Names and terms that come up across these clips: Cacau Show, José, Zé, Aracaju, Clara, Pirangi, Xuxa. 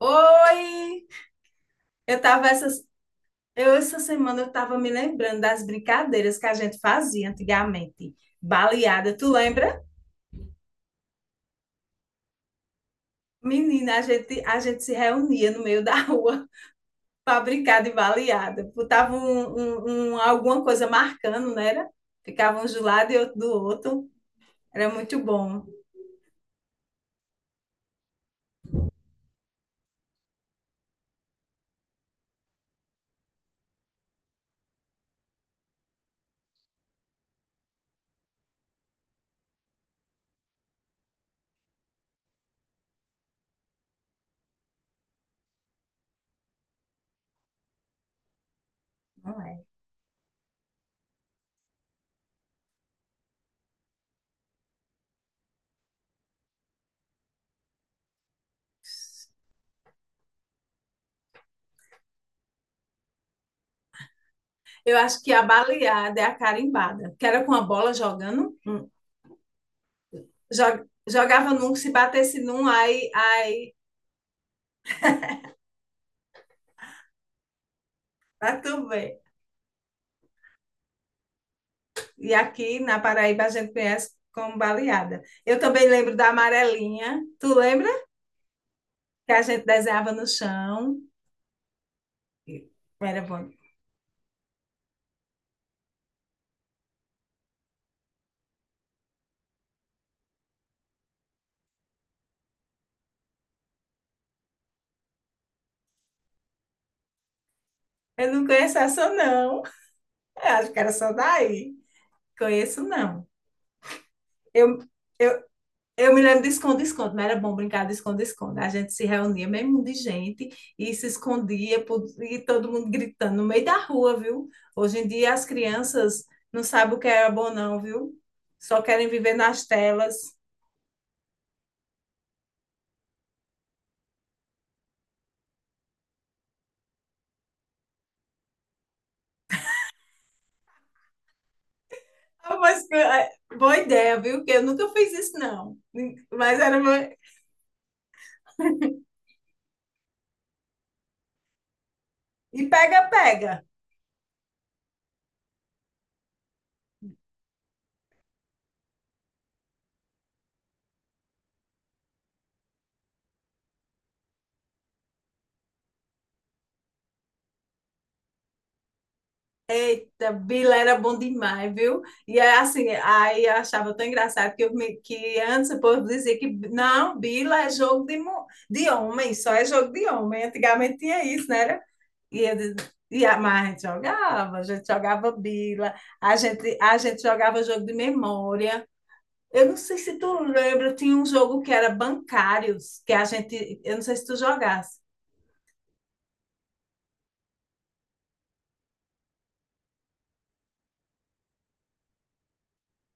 Oi! Eu tava essas, eu essa semana eu tava me lembrando das brincadeiras que a gente fazia antigamente. Baleada, tu lembra? Menina, a gente se reunia no meio da rua para brincar de baleada. Botava alguma coisa marcando, não era? Ficava um de um lado e outro do outro. Era muito bom. Não é? Eu acho que a baleada é a carimbada, que era com a bola jogando. Hum. Jogava num, se batesse num, aí, ah, também. E aqui na Paraíba a gente conhece como baleada. Eu também lembro da amarelinha. Tu lembra? Que a gente desenhava no chão. Era bom. Eu não conheço essa, não. Eu acho que era só daí. Conheço, não. Eu, eu, eu me lembro de esconde-esconde, mas era bom brincar de esconde-esconde. A gente se reunia, mesmo de gente, e se escondia, e todo mundo gritando no meio da rua, viu? Hoje em dia as crianças não sabem o que era bom, não, viu? Só querem viver nas telas. Ah, mas, é, boa ideia, viu? Porque eu nunca fiz isso, não. Mas era uma... E pega, pega. Eita, bila era bom demais, viu? E é assim, aí eu achava tão engraçado que, que antes o povo dizia que não, bila é jogo de, de homem, só é jogo de homem. Antigamente tinha isso, né? E, ele, mas a gente jogava bila, a gente jogava jogo de memória. Eu não sei se tu lembra, tinha um jogo que era bancários, que a gente, eu não sei se tu jogasse.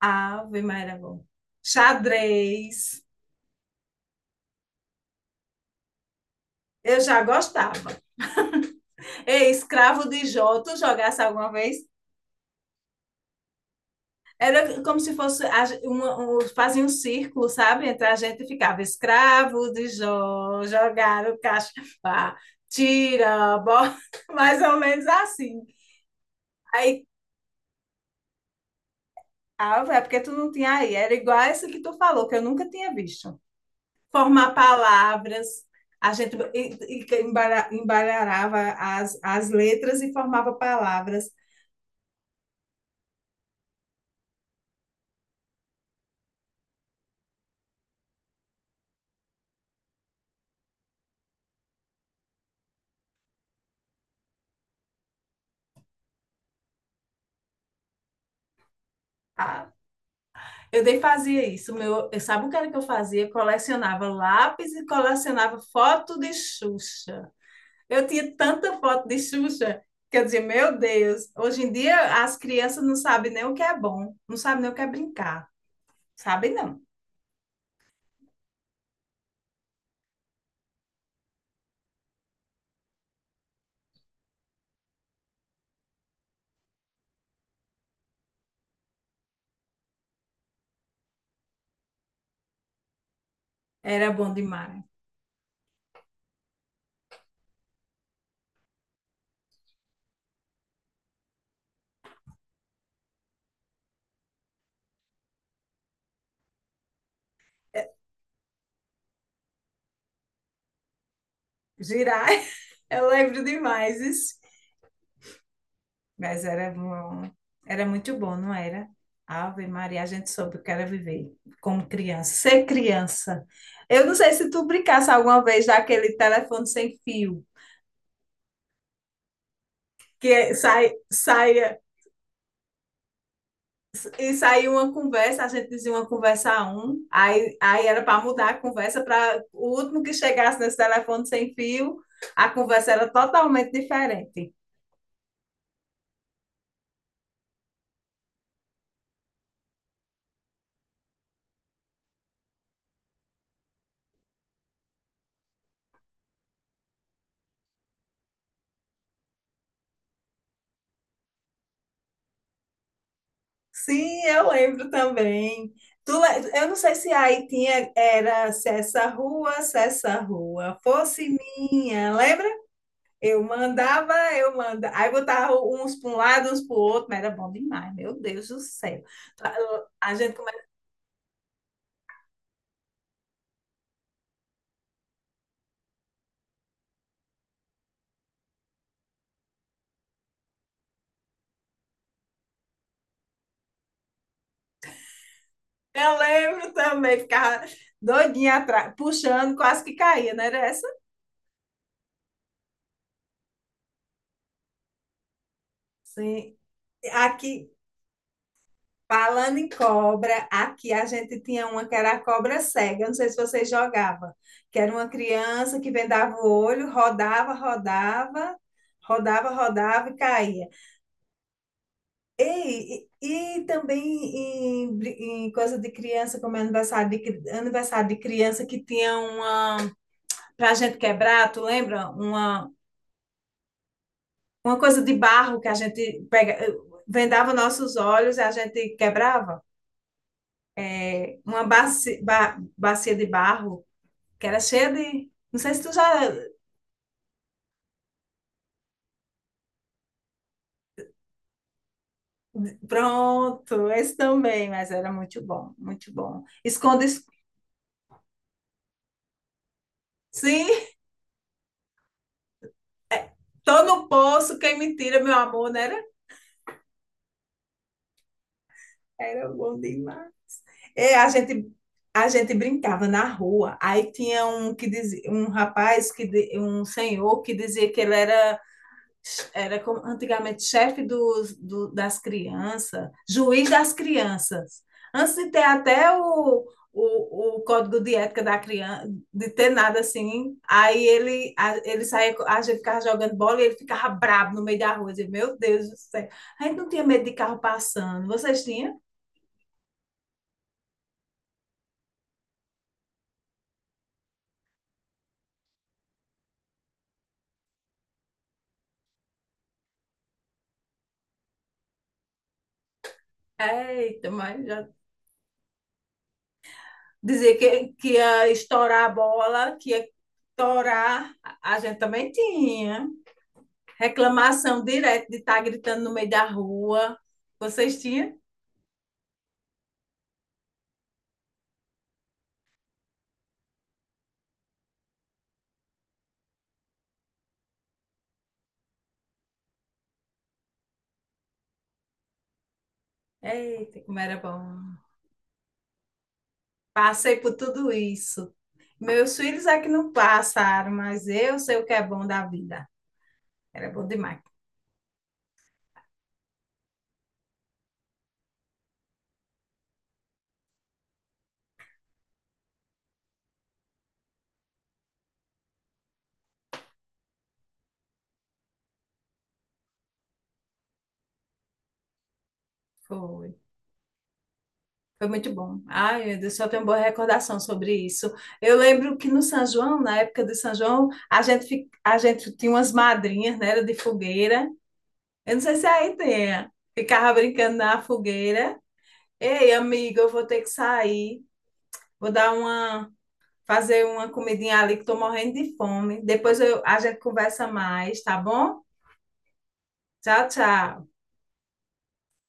Ave Maria, era bom. Xadrez, eu já gostava. Ei, escravo de Jó, tu jogasse alguma vez? Era como se fosse a, uma, um, fazia um círculo, sabe? Entre a gente ficava escravo de Jó, jogar o cacho pá, tira, bota, mais ou menos assim. Aí, ah, é porque tu não tinha aí. Era igual essa que tu falou, que eu nunca tinha visto. Formar palavras, a gente embaralhava as letras e formava palavras. Ah, eu nem fazia isso. Meu, sabe o que era que eu fazia? Colecionava lápis e colecionava foto de Xuxa. Eu tinha tanta foto de Xuxa que eu dizia, meu Deus, hoje em dia as crianças não sabem nem o que é bom, não sabem nem o que é brincar. Sabem não. Era bom demais. Girar, eu lembro demais. Mas era, bom- Era muito bom, não era? Ave Maria, a gente soube o que era viver como criança, ser criança. Eu não sei se tu brincasse alguma vez daquele telefone sem fio, que e saía uma conversa, a gente dizia uma conversa a um, aí era para mudar a conversa para o último que chegasse nesse telefone sem fio, a conversa era totalmente diferente. Sim, eu lembro também. Eu não sei se aí tinha, era se essa rua, fosse minha, lembra? Eu mandava, eu mandava. Aí botava uns para um lado, uns para o outro, mas era bom demais, meu Deus do céu. A gente começa. Eu lembro também, ficava doidinha atrás, puxando, quase que caía, não era essa? Sim. Aqui, Falando em cobra, aqui a gente tinha uma que era a cobra cega, não sei se vocês jogavam, que era uma criança que vendava o olho, rodava, rodava, rodava, rodava e caía. E também em coisa de criança, como é aniversário aniversário de criança, que tinha uma, para a gente quebrar, tu lembra? Uma coisa de barro que a gente pega, eh, vendava nossos olhos e a gente quebrava. É, uma bacia de barro, que era cheia de. Não sei se tu já. Pronto, esse também, mas era muito bom, muito bom. Esconde. Sim, tô no poço, quem me tira, meu amor, não era? Era bom demais. É, a gente brincava na rua, aí tinha um que dizia, um rapaz, um senhor que dizia que ele era como antigamente chefe das crianças, juiz das crianças. Antes de ter até o, código de ética da criança, de ter nada assim, aí ele saía, a gente ficava jogando bola e ele ficava bravo no meio da rua. Eu dizia, meu Deus do céu, a gente não tinha medo de carro passando. Vocês tinham? Eita, mas já dizer que ia estourar a bola, que ia estourar, a gente também tinha. Reclamação direto de estar gritando no meio da rua. Vocês tinham? Eita, como era bom. Passei por tudo isso. Meus filhos é que não passaram, mas eu sei o que é bom da vida. Era bom demais. Foi. Foi muito bom. Ai, meu Deus, só tenho boa recordação sobre isso. Eu lembro que no São João, na época do São João, a gente tinha umas madrinhas, né? Era de fogueira. Eu não sei se aí tem. É. Ficava brincando na fogueira. Ei, amigo, eu vou ter que sair. Vou dar uma, fazer uma comidinha ali que estou morrendo de fome. Depois eu, a gente conversa mais, tá bom? Tchau, tchau.